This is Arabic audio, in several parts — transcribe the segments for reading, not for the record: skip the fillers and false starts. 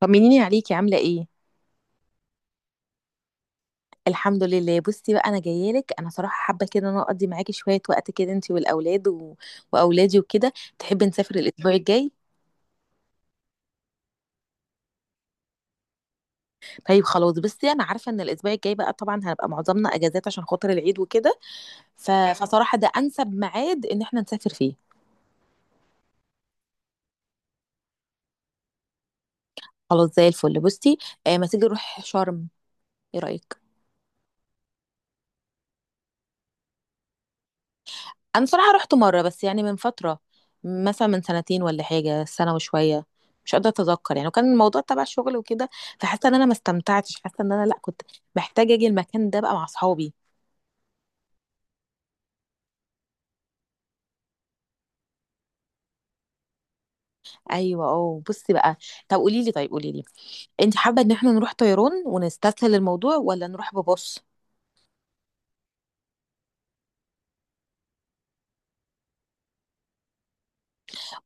طمنيني عليكي عاملة ايه؟ الحمد لله. بصي بقى، انا جايه لك، انا صراحه حابه كده ان انا اقضي معاكي شويه وقت كده، انت والاولاد و... واولادي وكده. تحبي نسافر الاسبوع الجاي؟ طيب خلاص، بصي انا عارفه ان الاسبوع الجاي بقى طبعا هنبقى معظمنا اجازات عشان خاطر العيد وكده. ف... فصراحه ده انسب ميعاد ان احنا نسافر فيه. خلاص زي الفل. بصي ما تيجي نروح شرم، ايه رايك؟ انا صراحه رحت مره بس، يعني من فتره، مثلا من سنتين ولا حاجه، سنه وشويه، مش قادره اتذكر يعني، وكان الموضوع تبع الشغل وكده. فحاسه ان انا ما استمتعتش، حاسه ان انا لا كنت محتاجه اجي المكان ده بقى مع اصحابي. ايوه اه، بصي بقى. طب قولي لي طيب قولي لي، انت حابه ان احنا نروح طيران ونستسهل الموضوع ولا نروح ببص؟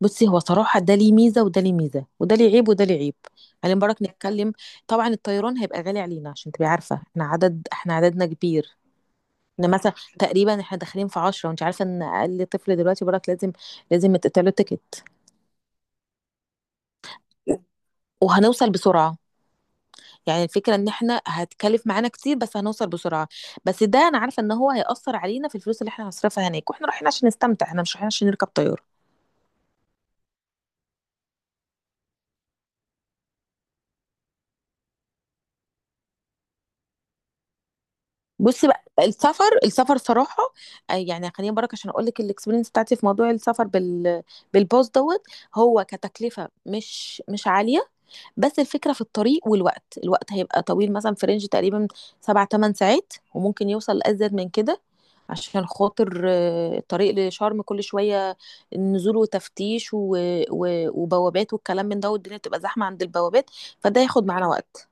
بصي، هو صراحه ده ليه ميزه وده ليه ميزه، وده ليه عيب وده ليه عيب. خلينا برك نتكلم. طبعا الطيران هيبقى غالي علينا، عشان تبقي عارفه احنا عدد، احنا عددنا كبير، ان مثلا تقريبا احنا داخلين في 10، وانت عارفه ان اقل طفل دلوقتي براك لازم يتقطع له تيكت. وهنوصل بسرعه، يعني الفكره ان احنا هتكلف معانا كتير بس هنوصل بسرعه. بس ده انا عارفه ان هو هيأثر علينا في الفلوس اللي احنا هنصرفها هناك، واحنا رايحين عشان نستمتع، احنا مش رايحين عشان نركب طياره. بصي بقى، السفر صراحه، يعني خليني برك عشان اقول لك الاكسبيرينس بتاعتي في موضوع السفر بالباص دوت. هو كتكلفه مش عاليه، بس الفكرة في الطريق، والوقت، الوقت هيبقى طويل، مثلا في رينج تقريبا 7 8 ساعات، وممكن يوصل لأزيد من كده. عشان خاطر الطريق لشرم كل شوية نزول وتفتيش و... و... وبوابات والكلام من ده، والدنيا تبقى زحمة عند البوابات، فده هياخد معانا وقت.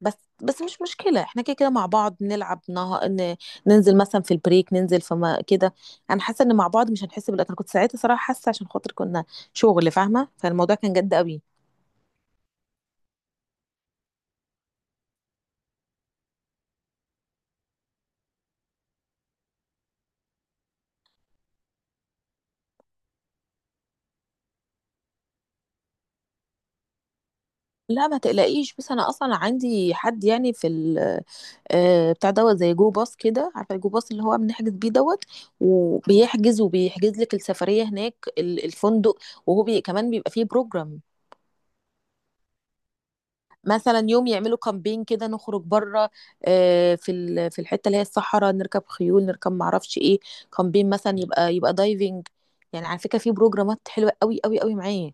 بس بس مش مشكلة، احنا كده كده مع بعض نلعب، ننزل مثلا في البريك، ننزل في ما... كده. انا حاسة ان مع بعض مش هنحس بالوقت. انا كنت ساعتها صراحة حاسة، عشان خاطر كنا شغل فاهمة، فالموضوع كان جد قوي. لا ما تقلقيش، بس انا اصلا عندي حد يعني في بتاع دوت، زي جو باص كده، عارفه الجو باص اللي هو بنحجز بيه دوت، وبيحجز لك السفريه هناك الفندق، وهو بي كمان بيبقى فيه بروجرام. مثلا يوم يعملوا كامبين كده، نخرج بره في في الحته اللي هي الصحراء، نركب خيول، نركب معرفش ايه. كامبين مثلا، يبقى دايفنج. يعني على فكره في بروجرامات حلوه قوي معاه.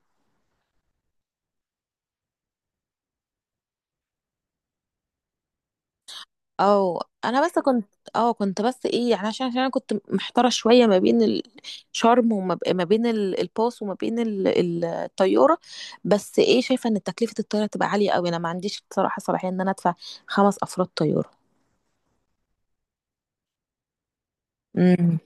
او انا بس كنت، اه كنت بس ايه يعني، عشان عشان انا كنت محتاره شويه ما بين الشرم، وما ب- ما بين الباص، وما بين الطياره. بس ايه، شايفه ان تكلفه الطياره تبقى عاليه قوي، انا ما عنديش بصراحه صلاحيه ان انا ادفع 5 افراد طياره. امم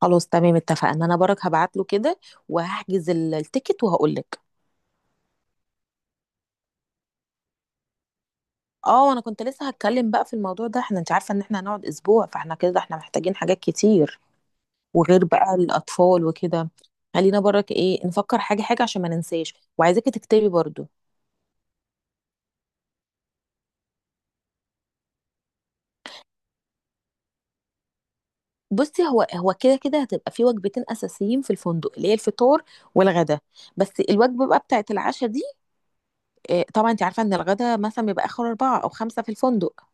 خلاص تمام اتفقنا، انا برك هبعت له كده وهحجز التيكت وهقول لك. اه انا كنت لسه هتكلم بقى في الموضوع ده. احنا انت عارفه ان احنا هنقعد اسبوع، فاحنا كده احنا محتاجين حاجات كتير، وغير بقى الأطفال وكده. خلينا برك ايه نفكر حاجة حاجة عشان ما ننساش، وعايزاكي تكتبي برضو. بصي، هو كده كده هتبقى في وجبتين أساسيين في الفندق، اللي هي الفطار والغدا. بس الوجبة بقى بتاعت العشاء دي، طبعا انت عارفة ان الغدا مثلا بيبقى آخر 4 أو 5 في الفندق،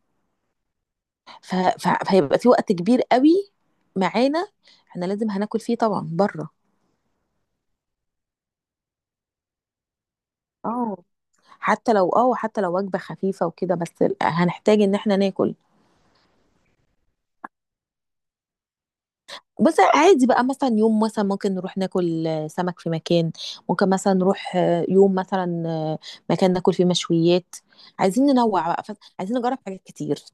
ف- ف- فهيبقى في وقت كبير قوي معانا احنا لازم هناكل فيه طبعا بره. اه حتى لو وجبة خفيفة وكده، بس هنحتاج ان احنا ناكل. بس عادي بقى، مثلا يوم مثلا ممكن نروح ناكل سمك في مكان، ممكن مثلا نروح يوم مثلا مكان ناكل فيه مشويات. عايزين ننوع بقى، عايزين نجرب حاجات كتير.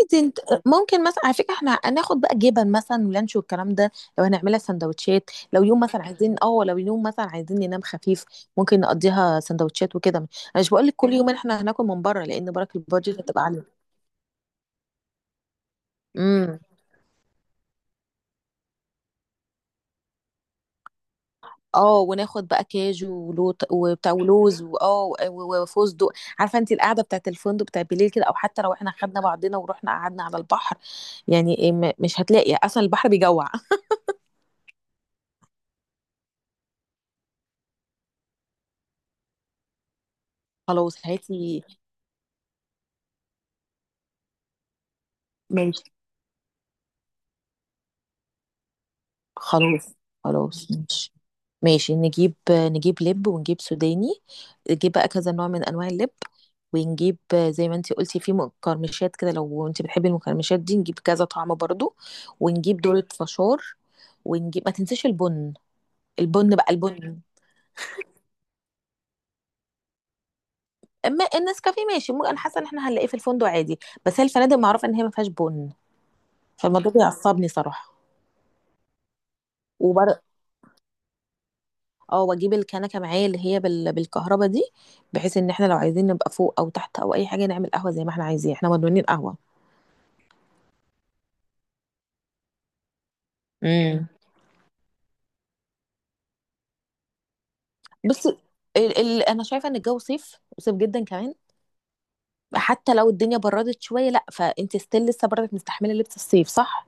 عايزين- ممكن مثلا على فكره احنا هناخد بقى جبن مثلا ولانش والكلام ده، لو هنعملها سندوتشات، لو يوم مثلا عايزين اه، لو يوم مثلا عايزين ننام خفيف ممكن نقضيها سندوتشات وكده. انا مش بقول لك كل يوم احنا هناكل من بره، لان برك البادجت هتبقى عاليه. امم. اه وناخد بقى كاجو ولوط وبتاع ولوز واه و وفستق عارفه انت القعده بتاعت الفندق بتاع بالليل كده، او حتى لو احنا خدنا بعضنا ورحنا قعدنا على البحر، يعني مش هتلاقي اصلا البحر بيجوع خلاص هاتي. ماشي خلاص. خلاص ماشي نجيب لب ونجيب سوداني، نجيب بقى كذا نوع من انواع اللب، ونجيب زي ما انتي قلتي في مقرمشات كده، لو انتي بتحبي المقرمشات دي نجيب كذا طعم برضو. ونجيب دولة فشار، ونجيب ما تنسيش البن. البن بقى البن. اما النسكافيه ماشي، ممكن انا حاسه ان احنا هنلاقيه في الفندق عادي، بس هي الفنادق معروفه ان هي ما فيهاش بن، فالموضوع ده بيعصبني صراحه. اه واجيب الكنكه معايا اللي هي بالكهرباء دي، بحيث ان احنا لو عايزين نبقى فوق او تحت او اي حاجه نعمل قهوه زي ما احنا عايزين، احنا مدمنين قهوه. امم بس انا شايفه ان الجو صيف، صيف جدا كمان، حتى لو الدنيا بردت شويه، لا فانت ستيل لسه برضك مستحمله لبس الصيف، صح.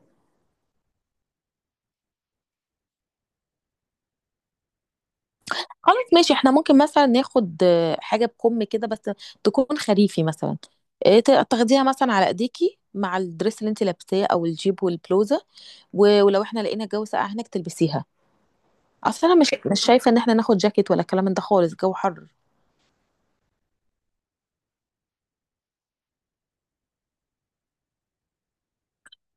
خلاص ماشي، احنا ممكن مثلا ناخد حاجه بكم كده بس تكون خريفي مثلا، تاخديها مثلا على ايديكي مع الدريس اللي انت لابساه او الجيب والبلوزه، و ولو احنا لقينا الجو ساقع هناك تلبسيها. اصل انا مش شايفه ان احنا ناخد جاكيت ولا الكلام ده خالص، الجو حر.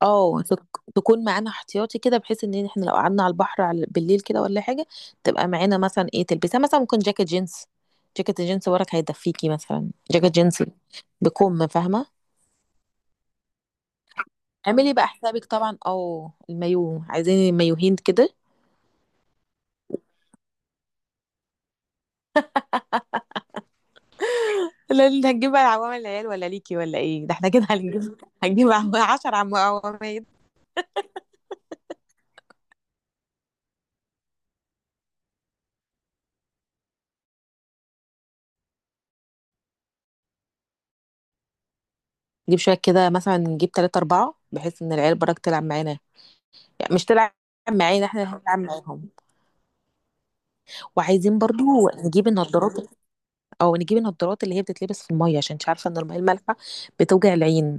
اه تكون معانا احتياطي كده، بحيث ان احنا لو قعدنا على البحر على بالليل كده ولا حاجه تبقى معانا، مثلا ايه تلبسها، مثلا ممكن جاكيت جينز. جاكيت الجينز وراك هيدفيكي، مثلا جاكيت جينز بكم، فاهمه. اعملي بقى حسابك طبعا، او المايو، عايزين مايوهين كده. لا، اللي هتجيب بقى عوامل العيال ولا ليكي ولا ايه؟ ده احنا كده هنجيب، هنجيب 10 عوامل. نجيب شويه كده، مثلا نجيب 3 4، بحيث ان العيال برك تلعب معانا. يعني مش تلعب معانا، احنا اللي هنلعب معاهم. وعايزين برضو نجيب النضارات، او نجيب النضارات اللي هي بتتلبس في الميه، عشان انت عارفه ان الميه المالحه بتوجع العين.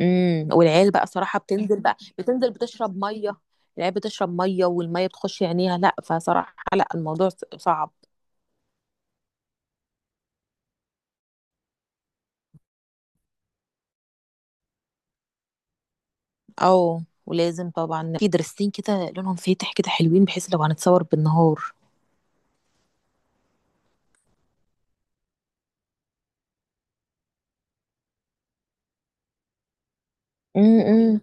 والعيال بقى صراحه بتنزل بتشرب ميه. العيال بتشرب ميه والميه بتخش عينيها، لا فصراحه لا الموضوع صعب. او ولازم طبعا في درستين كده لونهم فاتح كده حلوين، بحيث لو هنتصور بالنهار. امم امم.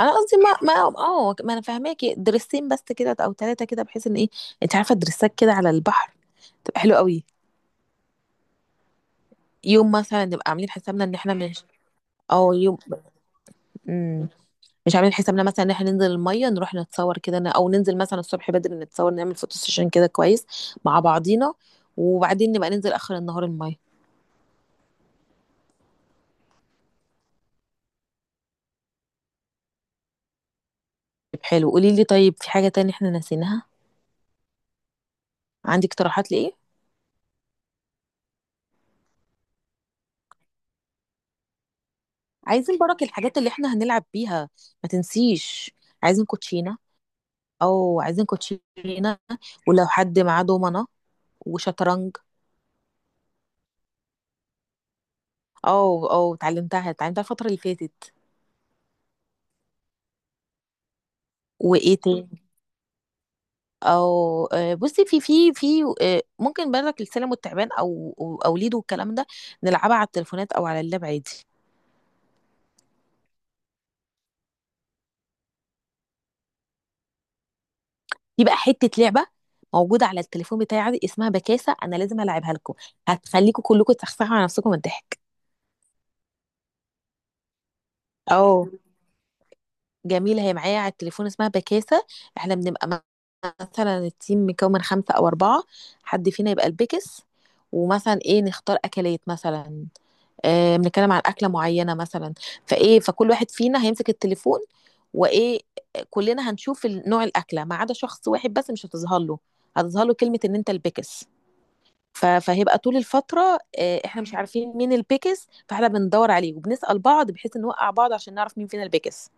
انا قصدي ما انا فاهماكي، درستين بس كده او 3 كده، بحيث ان ايه، انت عارفه درسات كده على البحر تبقى حلوه قوي. يوم مثلا نبقى عاملين حسابنا ان احنا مش، او يوم، مم. مش عاملين حسابنا مثلا ان احنا ننزل الميه، نروح نتصور كده او ننزل مثلا الصبح بدري نتصور، نعمل فوتو سيشن كده كويس مع بعضينا، وبعدين نبقى ننزل اخر النهار الميه. طيب حلو، قولي لي طيب في حاجه تانية احنا ناسينها؟ عندك اقتراحات لايه؟ عايزين برك الحاجات اللي احنا هنلعب بيها، ما تنسيش. عايزين كوتشينه، او عايزين كوتشينه ولو حد معاه دومنه وشطرنج. او او اتعلمتها، الفتره اللي فاتت. وايه تاني؟ او بصي في ممكن بالك السلم والتعبان او ليدو والكلام ده، نلعبها على التليفونات او على اللاب عادي. في بقى حته لعبه موجوده على التليفون بتاعي عادي، اسمها بكاسه، انا لازم العبها لكم، هتخليكم كلكم تسخسخوا على نفسكم من الضحك. اه جميلة، هي معايا على التليفون اسمها بكاسة. احنا بنبقى مثلا التيم مكون من 5 أو 4، حد فينا يبقى البكس، ومثلا ايه نختار أكلات مثلا، اه بنتكلم عن أكلة معينة مثلا، فايه فكل واحد فينا هيمسك التليفون، وايه، كلنا هنشوف نوع الأكلة ما عدا شخص واحد بس مش هتظهر له، هتظهر له كلمة إن أنت البكس. ف- فهيبقى طول الفترة اه احنا مش عارفين مين البيكس، فاحنا بندور عليه وبنسأل بعض بحيث نوقع بعض عشان نعرف مين فينا البيكس.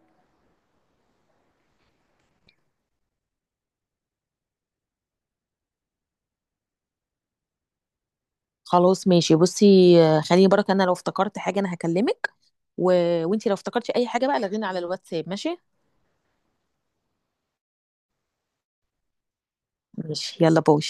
خلاص ماشي، بصي خليني برك انا لو افتكرت حاجه انا هكلمك، و... وانتي لو افتكرتي اي حاجه بقى لغينا على الواتساب، ماشي؟ ماشي يلا باي.